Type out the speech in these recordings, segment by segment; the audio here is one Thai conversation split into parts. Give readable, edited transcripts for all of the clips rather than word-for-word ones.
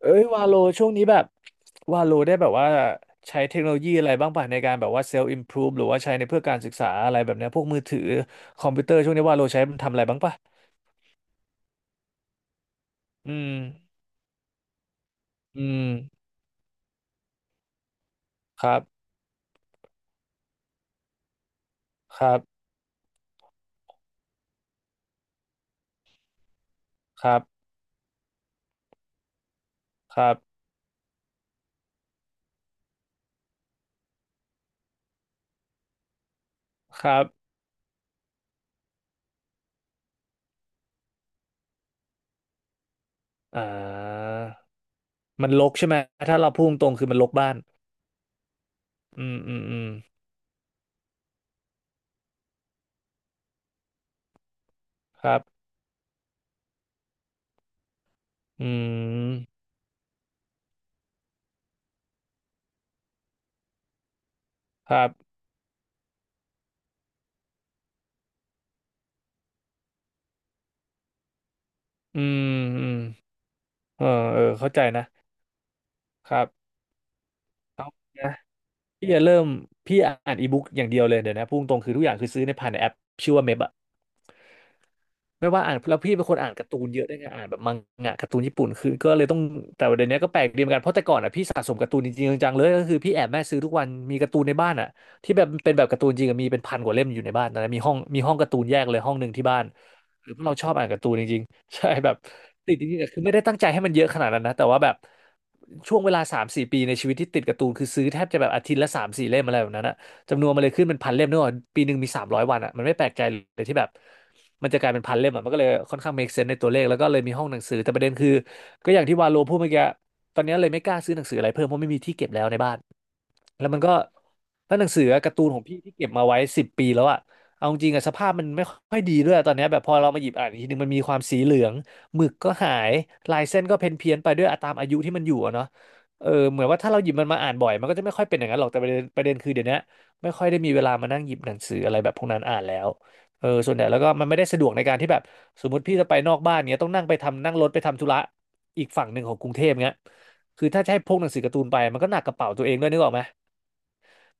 เอ้ยวาโลช่วงนี้แบบวาโลได้แบบว่าใช้เทคโนโลยีอะไรบ้างป่ะในการแบบว่าเซลล์อิมพรูฟหรือว่าใช้ในเพื่อการศึกษาอะไรแบบเนี้ยพวกมือถือคอมพิวเตอร์ช่วงนี้วาโลใช้ทำอะไรบ้างป่ะอืมอืมครับครับครับครับครับอ่ามันรกใช่ไหมถ้าเราพูดตรงคือมันรกบ้านอืมอืมอืมครับอืมครับอืมอืมเออเออเข้าใจนะครับ พี่จะเริ่มพี่อ่านอีบุ๊กอย่างเดียวเลยเดี๋ยวนะพุ่งตรงคือทุกอย่างคือซื้อในผ่านในแอปชื่อว่าเมบอะ ไม่ว่าอ่านแล้วพี่เป็นคนอ่านการ์ตูนเยอะด้วยไงอ่านแบบมังงะการ์ตูนญี่ปุ่นคือก็เลยต้องแต่เดี๋ยวนี้ก็แปลกดีเหมือนกันเพราะแต่ก่อนอ่ะพี่สะสมการ์ตูนจริงๆจังๆเลยก็คือพี่แอบแม่ซื้อทุกวันมีการ์ตูนในบ้านอ่ะที่แบบเป็นแบบการ์ตูนจริงอะมีเป็นพันกว่าเล่มอยู่ในบ้านนะมีห้องการ์ตูนแยกเลยห้องหนึ่งที่บ้านหรือเพราะเราชอบอ่านการ์ตูนจริงๆ ใช่แบบติดจริงๆอะคือไม่ได้ตั้งใจให้มันเยอะขนาดนั้นนะแต่ว่าแบบช่วงเวลาสามสี่ปีในชีวิตที่ติดการ์ตูนคือซื้อแทบจะแบบอาทิตย์ละสามสี่เล่มอะไรแบบนั้นอะ จำนวนมันเลยขึ้นเป็นพันเล่มเนอะปีหนึ่งมี300 วันอ่ะมันไม่แปลกใจเลยที่แบบมันจะกลายเป็นพันเล่มอ่ะมันก็เลยค่อนข้าง make sense ในตัวเลขแล้วก็เลยมีห้องหนังสือ แต่ประเด็นคือก็อย่างที่วาโลพูดเมื่อกี้ตอนนี้เลยไม่กล้าซื้อหนังสืออะไรเพิ่มเพราะไม่มีที่เก็บแล้วในบ้าน แล้วมันก็แล้วหนังสือการ์ตูนของพี่ที่เก็บมาไว้10 ปีแล้วอะเอาจริงอะสภาพมันไม่ค่อยดีด้วยตอนเนี้ยแบบพอเรามาหยิบอ่านอีกทีนึงมันมีความสีเหลืองหมึกก็หายลายเส้นก็เพี้ยนเพี้ยนไปด้วยตามอายุที่มันอยู่อะเนาะเออเหมือนว่าถ้าเราหยิบมันมาอ่านบ่อยมันก็จะไม่ค่อยเป็นอย่างนั้นหรอกแต่ประเด็นคือเดี๋ยวนี้ไม่ค่อยได้มีเวลามานั่งหยิบหนังสืออะไรแบบพวกนั้นอ่านแล้วเออส่วนใหญ่แล้วก็มันไม่ได้สะดวกในการที่แบบสมมติพี่จะไปนอกบ้านเนี้ยต้องนั่งไปทำนั่งรถไปทำธุระอีกฝั่งหนึ่งของกรุงเทพเงี้ยคือถ้าจะให้พกหนังสือการ์ตูนไปมันก็หนักกระเป๋าตัวเองด้วยนึกออกไหม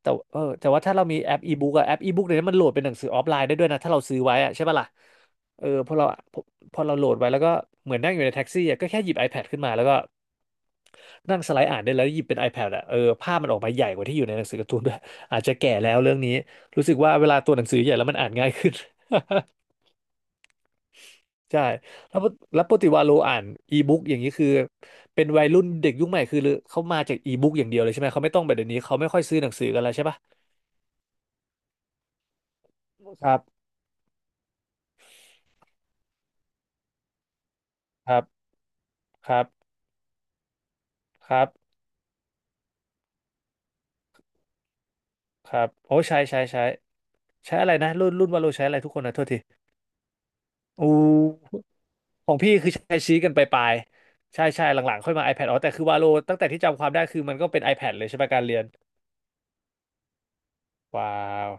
แต่เออแต่ว่าถ้าเรามีแอปอีบุ๊กอะแอปอีบุ๊กเนี่ยวนี้มันโหลดเป็นหนังสือออฟไลน์ได้ด้วยนะถ้าเราซื้อไว้อะใช่ปะล่ะเออพอพอเราโหลดไว้แล้วก็เหมือนนั่งอยู่ในแท็กซี่อะก็แค่หยิบ iPad ขึ้นมาแล้วก็นั่งสไลด์อ่านได้แล้วหยิบเป็น iPad อะเออภาพมันออกมาใหญ่กว่าที่อยู่ในหนังสือการ์ตูนด้วย อาจจะแก่แล้วเรื่องนี้รู้สึกว่าเวลาตัวหนังสือใหญ่แล้วมันอ่านง่ายขึ้น ใช่แล้วปกติวาโลอ่านอีบุ๊กอย่างนี้คือเป็นวัยรุ่นเด็กยุคใหม่คือเขามาจากอีบุ๊กอย่างเดียวเลยใช่ไหมเขาไม่ต้องแบบเดี๋ยวนี้เขาไม่ค่อยซื้อหนังสือกันแล้วใช่ปะครับครับครับครับ ครับโอ้ใช้ใช้ใช้ใช้อะไรนะรุ่นวาโลใช้อะไรทุกคนนะโทษทีอูของพี่คือใช้ชี้กันไปปลายๆใช่ใช่หลังๆค่อยมา iPad อ๋อแต่คือวาโลตั้งแต่ที่จำความได้คือมันก็เป็น iPad เลยใช่ไหมการเรียนว้าว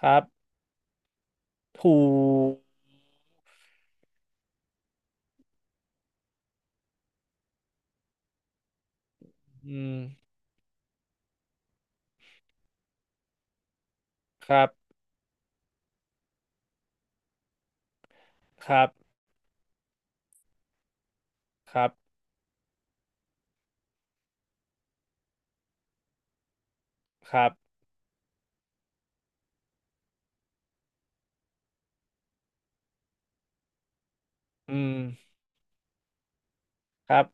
ครับถูกอืมครับครับครับครับอืมครับ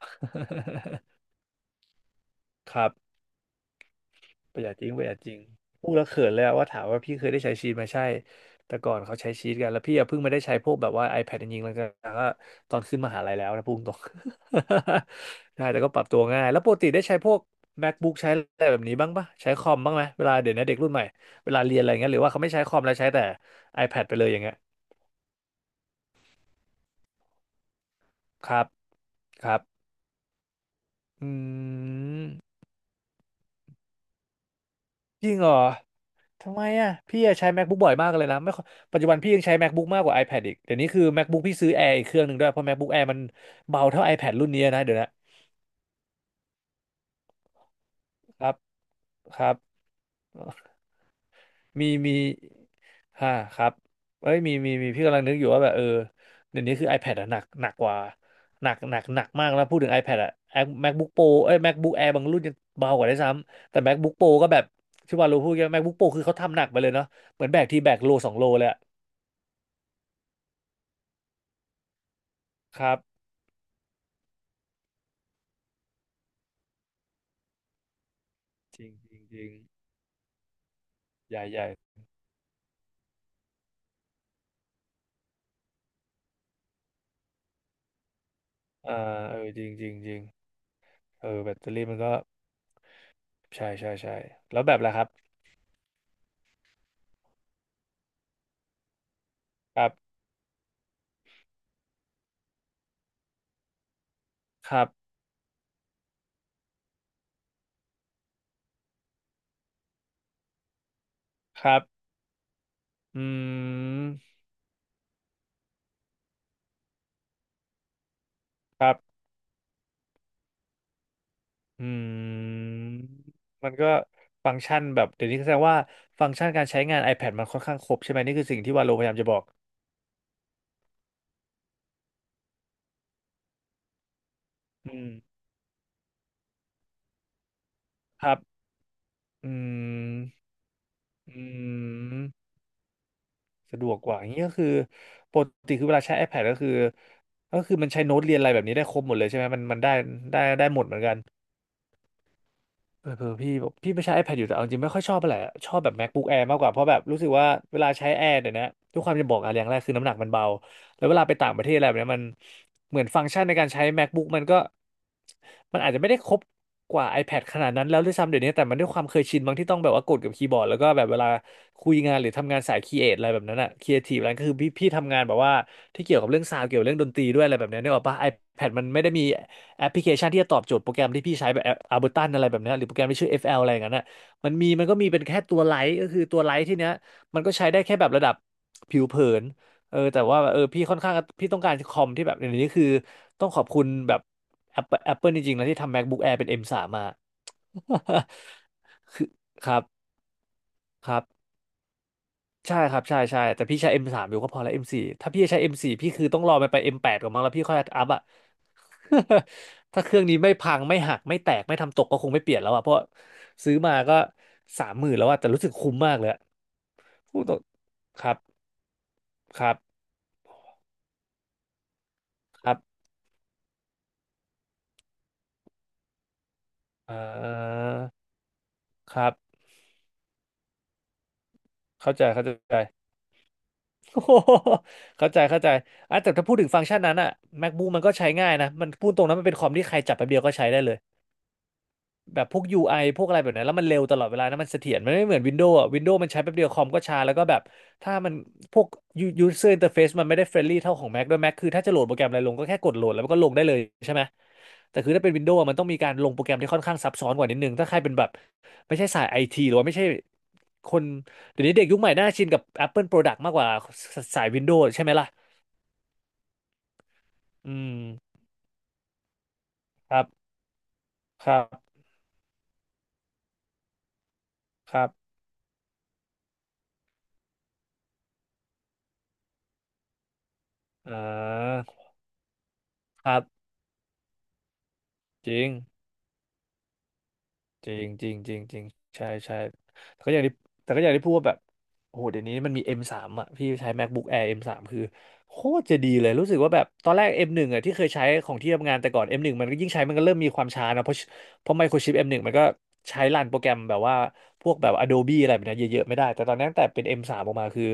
ครับ ประหยัดจริงประหยัดจริงพูดแล้วเขินเลยอะว่าถามว่าพี่เคยได้ใช้ชีทไหมใช่แต่ก่อนเขาใช้ชีทกันแล้วพี่อะเพิ่งมาได้ใช้พวกแบบว่า iPad จริงๆแล้วก็ตอนขึ้นมหาลัยแล้วนะพูดตรง ใช่แต่ก็ปรับตัวง่ายแล้วปกติได้ใช้พวก MacBook ใช้อะไรแบบนี้บ้างปะใช้คอมบ้างไหมเวลาเดี๋ยวนี้เด็กรุ่นใหม่เวลาเรียนอะไรเงี้ยหรือว่าเขาไม่ใช้คอมแล้วใช้แต่ iPad ไปเลยอย่างเงี้ยครับครับอืม จริงเหรอทำไมอ่ะพี่อะใช้ MacBook บ่อยมากเลยนะไม่ค่อยปัจจุบันพี่ยังใช้ MacBook มากกว่า iPad อีกเดี๋ยวนี้คือ MacBook พี่ซื้อ Air อีกเครื่องหนึ่งด้วยเพราะ MacBook Air มันเบาเท่า iPad รุ่นนี้นะเดี๋ยวนะครับครับมีฮ่าครับเอ้ยมีพี่กำลังนึกอยู่ว่าแบบเดี๋ยวนี้คือ iPad อะหนักหนักกว่าหนักหนักหนักมากแล้วพูดถึง iPad อะ MacBook Pro เอ้ย MacBook Air บางรุ่นยังเบากว่าได้วยซ้ำแต่ MacBook Pro ก็แบบที่ว่าเราพูดกัน MacBook Pro คือเขาทำหนักไปเลยเนาะเหมือนแบกทีแบกโลสองโลเลยอะครับ จริงจริงจริงใหญ่ใหญ่อ่าเออจริงจริงจริงเออแบตเตอรี่มันก็ใช่ใช่ใช่แล้วแบบล่ะครับครับครับครับอืมครับอืมมันก็ฟังก์ชันแบบเดี๋ยวนี้แสดงว่าฟังก์ชันการใช้งาน iPad มันค่อนข้างครบใช่ไหมนี่คือสิ่งที่วาโลพยายามจะบอกอืมครับอืมอืมสะดวกกว่าอย่างนี้ก็คือปกติคือเวลาใช้ iPad ก็คือมันใช้โน้ตเรียนอะไรแบบนี้ได้ครบหมดเลยใช่ไหมมันได้ได้ได้หมดเหมือนกัน เออเออพี่บอกพี่ไม่ใช้ iPad อยู่แต่เอาจริงไม่ค่อยชอบอะไหรอะชอบแบบ MacBook Air มากกว่าเพราะแบบรู้สึกว่าเวลาใช้ Air เดี๋ยวนี้ทุกความจะบอกอะไรอย่างแรกคือน้ำหนักมันเบาแล้วเวลาไปต่างประเทศอะไรแบบเนี้ยมันเหมือนฟังก์ชันในการใช้ MacBook มันก็มันอาจจะไม่ได้ครบกว่า iPad ขนาดนั้นแล้วด้วยซ้ำเดี๋ยวนี้แต่มันด้วยความเคยชินบางที่ต้องแบบว่ากดกับคีย์บอร์ดแล้วก็แบบเวลาคุยงานหรือทำงานสายครีเอทอะไรแบบนั้นอะครีเอทีฟอะไรก็คือพี่ทำงานแบบว่าที่เกี่ยวกับเรื่องซาวด์เกี่ยวกับเรื่องดนตรีด้วยอะไรแบบเนี้ยนึกออกปะ iPad มันไม่ได้มี แอปพลิเคชันที่จะตอบโจทย์โปรแกรมที่พี่ใช้แบบอัลเบอร์ตันอะไรแบบเนี้ยหรือโปรแกรมที่ชื่อ FL อฟแอลอะไรอย่างนั้นน่ะมันมีมันก็มีเป็นแค่ตัวไลท์ก็คือตัวไลท์ที่เนี้ยมันก็ใช้ได้แค่แบบระดับผิวเผินเออแต่ว่าพี่ค่อนข้างพี่ต้องการคอมที่แบบอย่างนี้คือต้องขอบคุณแบบ Apple, Apple จริงๆนะที่ทำ MacBook Air เป็น M3 มทรีมา คือครับครับ ใช่ครับใช่ใช่แต่พี่ใช้ M3 อมสามอยู่ก็พอแล้ว M4 ถ้าพี่จะใช้ M4 พี่คือต้องรอมันไป M8 ก่อนมั้งแล้วพี่ค่อยอัพอ่ะ ถ้าเครื่องนี้ไม่พังไม่หักไม่แตกไม่ทำตกก็คงไม่เปลี่ยนแล้วอ่ะเพราะซื้อมาก็30,000แล้วอ่ะแต่รู้สึกคุ้มมากเลยอะพูดตรงครับครับครับอ่าครับเข้าใจเข้าใจ โอ้โหเข้าใจเข้าใจอ่ะแต่ถ้าพูดถึงฟังก์ชันนั้นอ่ะ MacBook มันก็ใช้ง่ายนะมันพูดตรงนั้นมันเป็นคอมที่ใครจับแป๊บเดียวก็ใช้ได้เลย แบบพวก UI พวกอะไรแบบนั้นแล้วมันเร็วตลอดเวลานะมันเสถียรมันไม่เหมือน Windows อ่ะ Windows มันใช้แป๊บเดียวคอมก็ช้าแล้วก็แบบถ้ามันพวก user interface มันไม่ได้เฟรนลี่เท่าของ Mac ด้วย Mac คือถ้าจะโหลดโปรแกรมอะไรลงก็แค่กดโหลดแล้วมันก็ลงได้เลยใช่ไหมแต่คือถ้าเป็น Windows อะมันต้องมีการลงโปรแกรมที่ค่อนข้างซับซ้อนกว่านิดนึงถ้าใครเป็นแบบไม่ใช่สายไอทีหรือว่าไม่ใช่คนเดี๋ยวนี้เด็กยุคใหม่น่าชินกับ Apple Product มากกว่าสาย Windows ใช่ไหมล่ะอืมครับครับครับอ่าครับจริง จริงจริงจริงจริงใช่ใช่แต่ก็อย่างที่แต่ก็อย่างที่พูดว่าแบบโอ้โหเดี๋ยวนี้มันมี M3 อมสามอ่ะพี่ใช้ MacBook Air M3 คือโคตรจะดีเลยรู้สึกว่าแบบตอนแรก M1 อมหนึ่งอ่ะที่เคยใช้ของที่ทำงานแต่ก่อน M1 มหนึ่งมันก็ยิ่งใช้มันก็เริ่มมีความช้านะเพราะเพราะไมโครชิป M1 มหนึ่งมันก็ใช้รันโปรแกรมแบบว่าพวกแบบ Adobe อะไรแบบเนี้ยเยอะๆไม่ได้แต่ตอนนี้ตั้งแต่เป็น m มสามออกมาคือ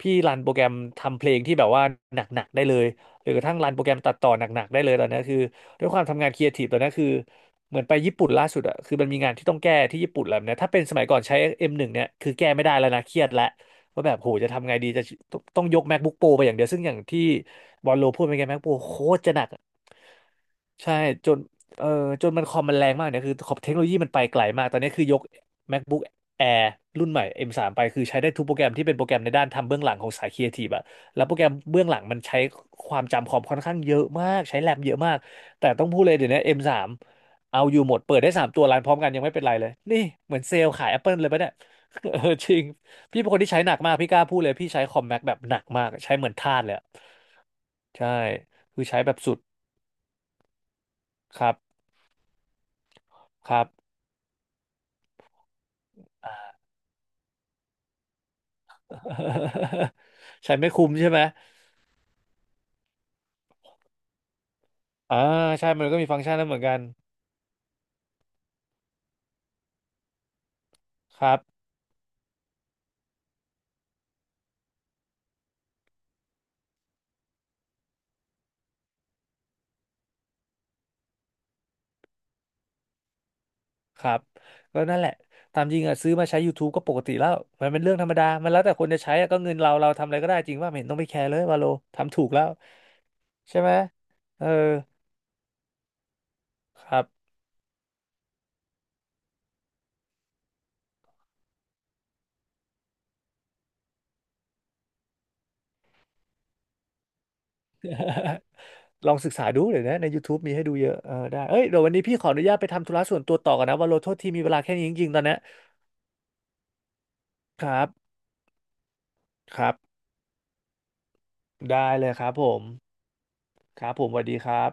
พี่รันโปรแกรมทำเพลงที่แบบว่าหนักๆได้เลย หรือกระทั่งรันโปรแกรมตัดต่อหนักๆได้เลยตอนนี้คือด้วยความทำงานครีเอทีฟตอนนี้คือเหมือนไปญี่ปุ่นล่าสุดอะคือมันมีงานที่ต้องแก้ที่ญี่ปุ่นแล้วเนี่ยถ้าเป็นสมัยก่อนใช้ M1 เนี่ยคือแก้ไม่ได้แล้วนะเครียดแล้วว่าแบบโหจะทำไงดีจะต้องยก MacBook Pro ไปอย่างเดียวซึ่งอย่างที่บอลโลพูดไปไง MacBook Pro โคตรจะหนัก ใช่จนเออจนมันคอมมันแรงมากเนี่ยคือขอบเทคโนโลยีมันไปไกลมากตอนนี้คือยก MacBook Air รุ่นใหม่ M3 ไปคือใช้ได้ทุกโปรแกรมที่เป็นโปรแกรมในด้านทำเบื้องหลังของสายครีเอทีฟอะแล้วโปรแกรมเบื้องหลังมันใช้ความจำคอมค่อนข้างเยอะมากใช้แรมเยอะมากแต่ต้องพูดเลยเดี๋ยวนี้ M3 เอาอยู่หมดเปิดได้สามตัวรันพร้อมกันยังไม่เป็นไรเลยนี่เหมือนเซลล์ขาย Apple เลยปะเนี่ย เออจริงพี่เป็นคนที่ใช้หนักมากพี่กล้าพูดเลยพี่ใช้คอมแม็กแบบหนักมากใช้เหมือนทาสเลยอะใช่คือใช้แบบสุดครับครับ ใช้ไม่คุ้มใช่ไหมอ่าใช่มันก็มีฟังก์ชันนั้นเหมือนกันครับครับก็นั่นแหละตามจริงอ่ะซื้อมาใช้ YouTube ก็ปกติแล้วมันเป็นเรื่องธรรมดามันแล้วแต่คนจะใช้อะก็เงินเราเราทำอะไรก็ได้จริงว่าไม่เห็นต้องไปแคร์เลยวาโลทำถูกแล้วใช่ไหมเออครับ ลองศึกษาดูเดี๋ยวนะใน YouTube มีให้ดูเยอะเออได้เอ้ยเดี๋ยววันนี้พี่ขออนุญาตไปทำธุระส่วนตัวต่อกันนะวาโลโทษทีมีเวลาแค่นี้จริงๆตอนเนี้ยครับครับได้เลยครับผมครับผมสวัสดีครับ